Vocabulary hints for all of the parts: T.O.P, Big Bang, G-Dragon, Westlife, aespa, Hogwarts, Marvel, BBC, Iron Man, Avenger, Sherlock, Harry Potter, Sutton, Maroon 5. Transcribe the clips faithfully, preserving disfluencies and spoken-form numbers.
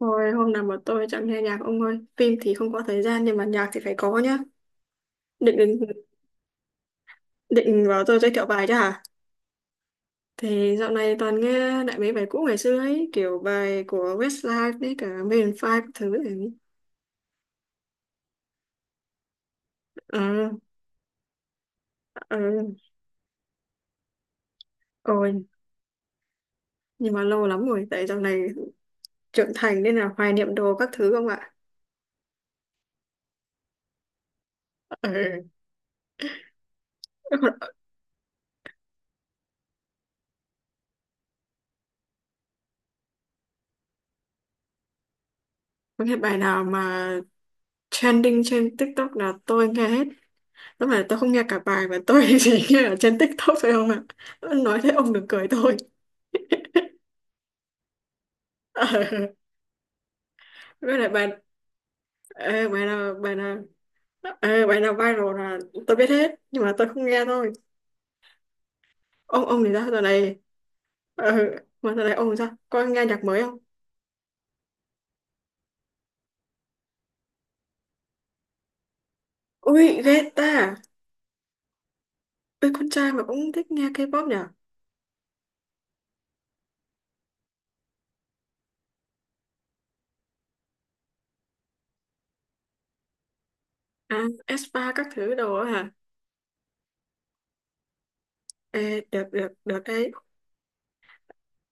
Thôi, hôm nào mà tôi chẳng nghe nhạc ông ơi. Phim thì không có thời gian nhưng mà nhạc thì phải có nhá. Định định, định bảo tôi giới thiệu bài chứ hả? Thì dạo này toàn nghe lại mấy bài cũ ngày xưa ấy. Kiểu bài của Westlife đấy, cả Maroon năm các thứ ấy. Ờ, ờ, ôi. Nhưng mà lâu lắm rồi. Tại dạo này trưởng thành nên là hoài niệm đồ các thứ không ạ. Ờ, có cái bài nào mà trending trên TikTok là tôi nghe hết. Lúc mà tôi không nghe cả bài mà tôi chỉ nghe ở trên TikTok thôi không ạ. Nói thế ông đừng cười tôi. Ờ, với lại bài ờ, bài nào bài nào ờ, bài nào viral là tôi biết hết nhưng mà tôi không nghe thôi. Ông ông thì sao giờ này? Ờ, mà giờ này ông thì sao? Có nghe nhạc mới không? Ui, ghê ta. Ui, con trai mà cũng thích nghe K-pop nhỉ? À, aespa các thứ đồ á hả? Ê, được được được đấy.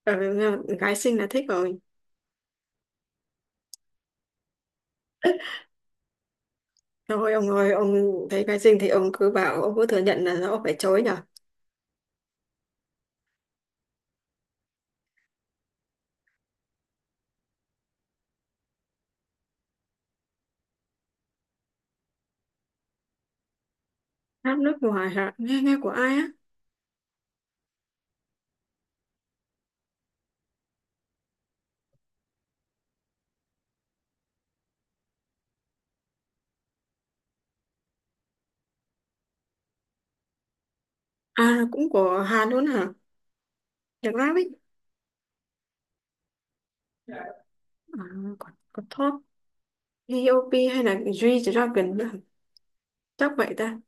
Ờ, nghe- gái xinh là thích rồi. Thôi ông ơi, ông thấy cái gì thì ông cứ bảo, ông cứ thừa nhận là ông phải chối nhở. Hát nước ngoài hả? Nghe nghe của ai á? À, cũng của Hàn luôn hả? Nhạc rap ấy. À, còn còn Top, tê ô pê hay là G-Dragon nữa hả? Chắc vậy ta.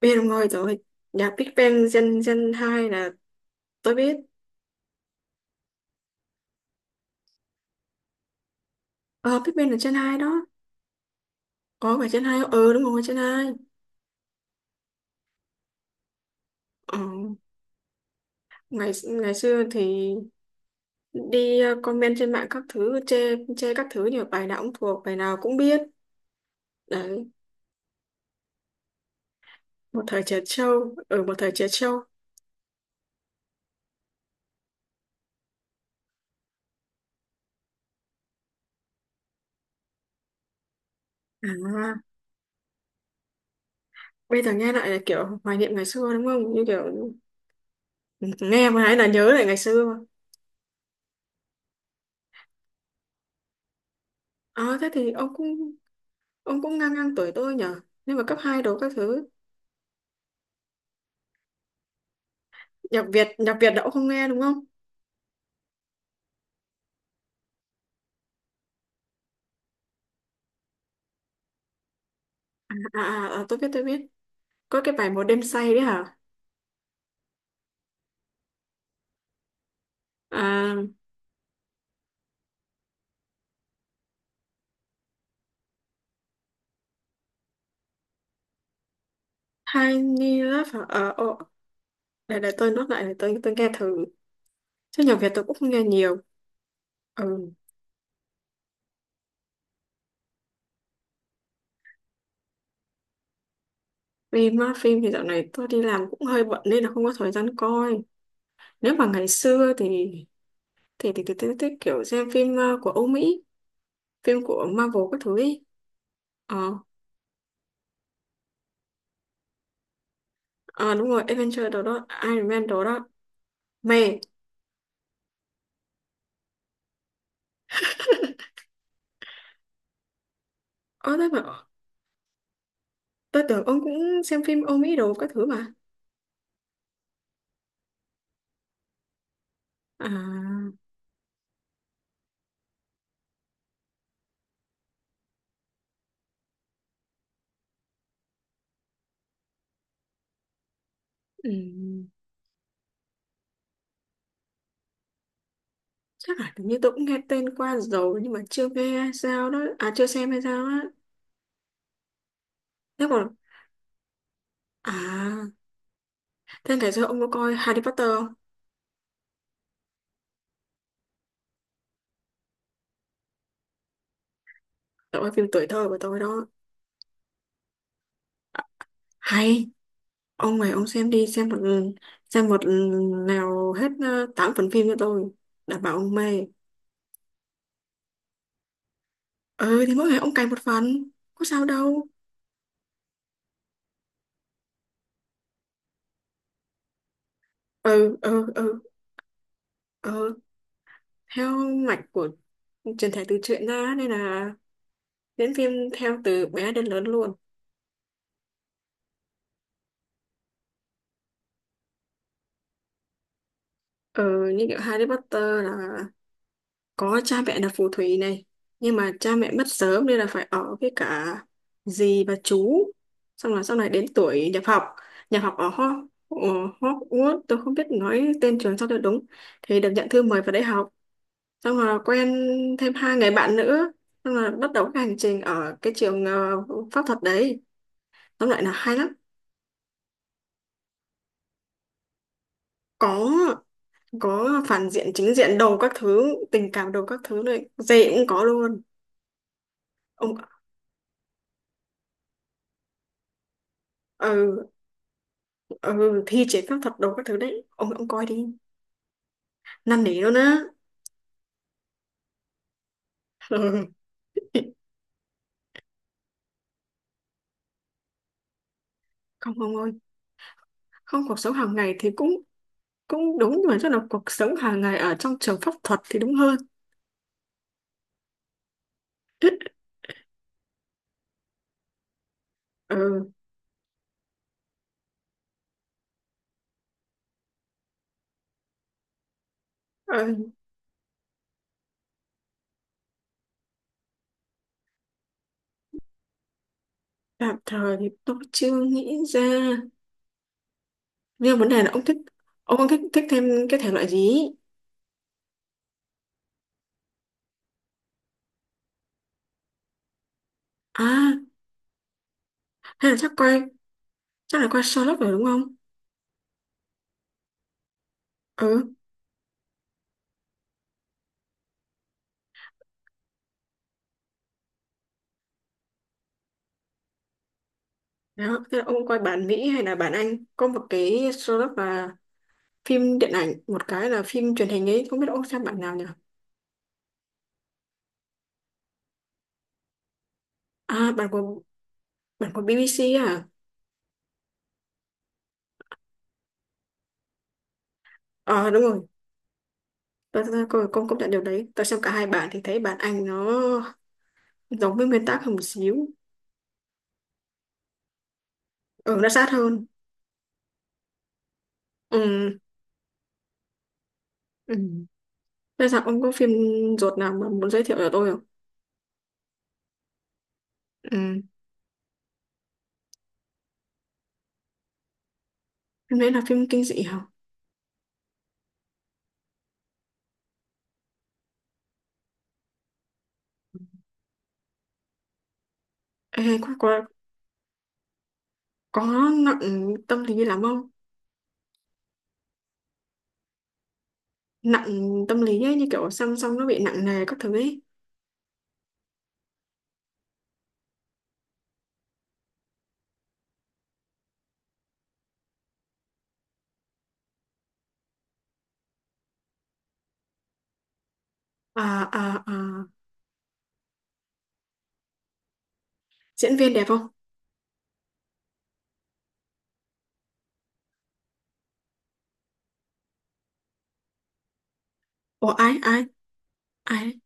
Biết ông ơi rồi. Nhạc Big Bang Gen, Gen hai là tôi biết. Ờ, Big Bang là Gen hai đó. Có phải Gen hai không? Ừ, đúng rồi, Gen hai. Ờ, ngày ngày xưa thì đi ờ, comment trên mạng các thứ, chê, chê các thứ, nhiều bài nào cũng thuộc, bài nào cũng biết. Đấy, một thời trẻ trâu ở một thời trẻ trâu. À, bây giờ nghe lại là kiểu hoài niệm ngày xưa đúng không, như kiểu nghe mà hay là nhớ lại ngày xưa. À, thế thì ông cũng ông cũng ngang ngang tuổi tôi nhở, nhưng mà cấp hai đồ các thứ. Nhạc Việt nhạc Việt đã không nghe đúng không? À, à, à, tôi biết tôi biết có cái bài một đêm say đấy hả? À, Tiny Love hả? Ờ, ồ, để để tôi nốt lại, để tôi tôi nghe thử, chứ nhạc Việt tôi cũng không nghe nhiều. Ừ. Phim á, phim thì dạo này tôi đi làm cũng hơi bận nên là không có thời gian coi. Nếu mà ngày xưa thì thì thì tôi thích kiểu xem phim ờ, của Âu Mỹ, phim của Marvel các thứ ấy. ờ À, đúng rồi. Avenger đồ đó, Iron Man đồ đó, mẹ. Ơ, thế mà tôi tưởng ông cũng xem phim Âu Mỹ đồ các thứ mà. À, ừm, chắc là hình như tôi cũng nghe tên qua rồi nhưng mà chưa nghe hay sao đó, à, chưa xem hay sao á. Thế còn, à, thế ngày xưa ông có coi Harry Potter không? Đó là phim tuổi thơ của tôi đó. Hay. Ông này, ông xem đi, xem một xem một nào hết ờ, tám phần phim cho tôi, đảm bảo ông mê. Ừ thì mỗi ngày ông cày một phần, có sao đâu. Ừ, ừ, ừ. Ừ, theo mạch của truyền thể từ truyện ra nên là diễn phim theo từ bé đến lớn luôn. Ừ, như kiểu Harry Potter là có cha mẹ là phù thủy này, nhưng mà cha mẹ mất sớm nên là phải ở với cả dì và chú. Xong là sau này đến tuổi nhập học, nhập học ở Ho- ở Hogwarts, tôi không biết nói tên trường sao cho đúng, thì được nhận thư mời vào đại học. Xong là quen thêm hai người bạn nữa, xong là bắt đầu cái hành trình ở cái trường ờ, pháp thuật đấy, tóm lại là hay lắm. Có có phản diện chính diện đồ các thứ, tình cảm đồ các thứ này dễ cũng có luôn, ông. Ừ, ừ, thi chế pháp thuật đồ các thứ đấy, ông ông coi đi. Năn nỉ luôn á. Ừ. Không ông ơi, không, cuộc sống hàng ngày thì cũng cũng đúng, nhưng mà chắc là cuộc sống hàng ngày ở trong trường pháp thuật thì đúng hơn. Ừ, ừ. Tạm thời thì tôi chưa nghĩ ra, nhưng vấn đề là ông thích ông ông thích thích thêm cái thể loại gì ý? À, hay là chắc coi chắc là coi Sherlock rồi đúng không? Ừ, đó, thế là ông coi bản Mỹ hay là bản Anh? Có một cái Sherlock là phim điện ảnh, một cái là phim truyền hình ấy, không biết ông xem bản nào nhỉ? À, bản của bản của bê bê xê à? Ờ, đúng rồi. Tôi, tôi, tôi, con công nhận điều đấy. Tôi xem cả hai bản thì thấy bản Anh nó giống với nguyên tác hơn một xíu. Ừ, nó sát hơn. Ừ. Ừ. Bây giờ ông có phim ruột nào mà muốn giới thiệu cho tôi không? Ừ. Phim đấy là phim kinh dị hả? Ê, có, có, có nặng tâm lý lắm không? Nặng tâm lý ấy, như kiểu song song nó bị nặng nề các thứ ấy. À, à, à. Diễn viên đẹp không? Ủa, ai, ai, ai?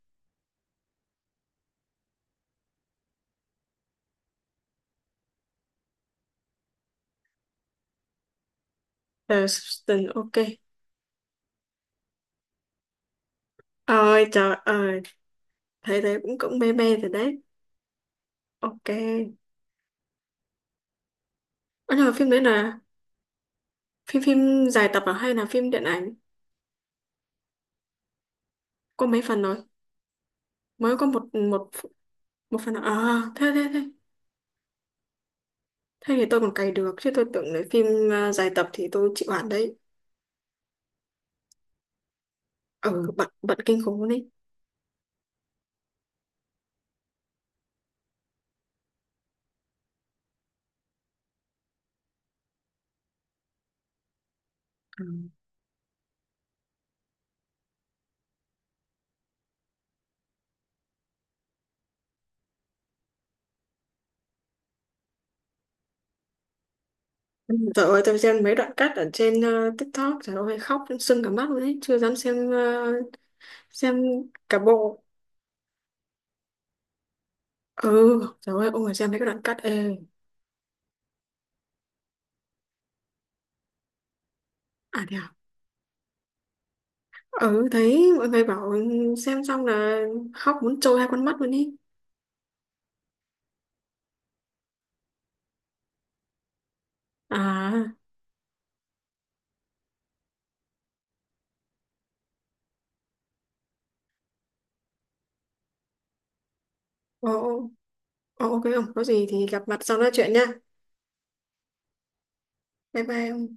Tờ, Sutton, ok. Ôi trời ơi. Thấy thế cũng cũng mê mê rồi đấy. Ok. Ơ, nhưng mà phim đấy là phim phim dài tập à, hay là phim điện ảnh? Có mấy phần rồi? Mới có một một một phần à? À, thế thế thế Thế thì tôi còn cày được, chứ tôi tưởng là phim, à, dài tập thì tôi chịu hẳn đấy. Ừ, bận bận kinh khủng luôn đấy. Trời ơi, tôi xem mấy đoạn cắt ở trên ờ, TikTok, trời ơi, khóc sưng cả mắt luôn đấy, chưa dám xem, ờ, xem cả bộ. Ừ, trời ơi, ôi, xem mấy cái đoạn cắt, ê. À, thế à? Ừ, thấy mọi người bảo xem xong là khóc muốn trôi hai con mắt luôn ý. À, ồ, ồ, ok, không có gì thì gặp mặt sau nói chuyện nha. Bye bye.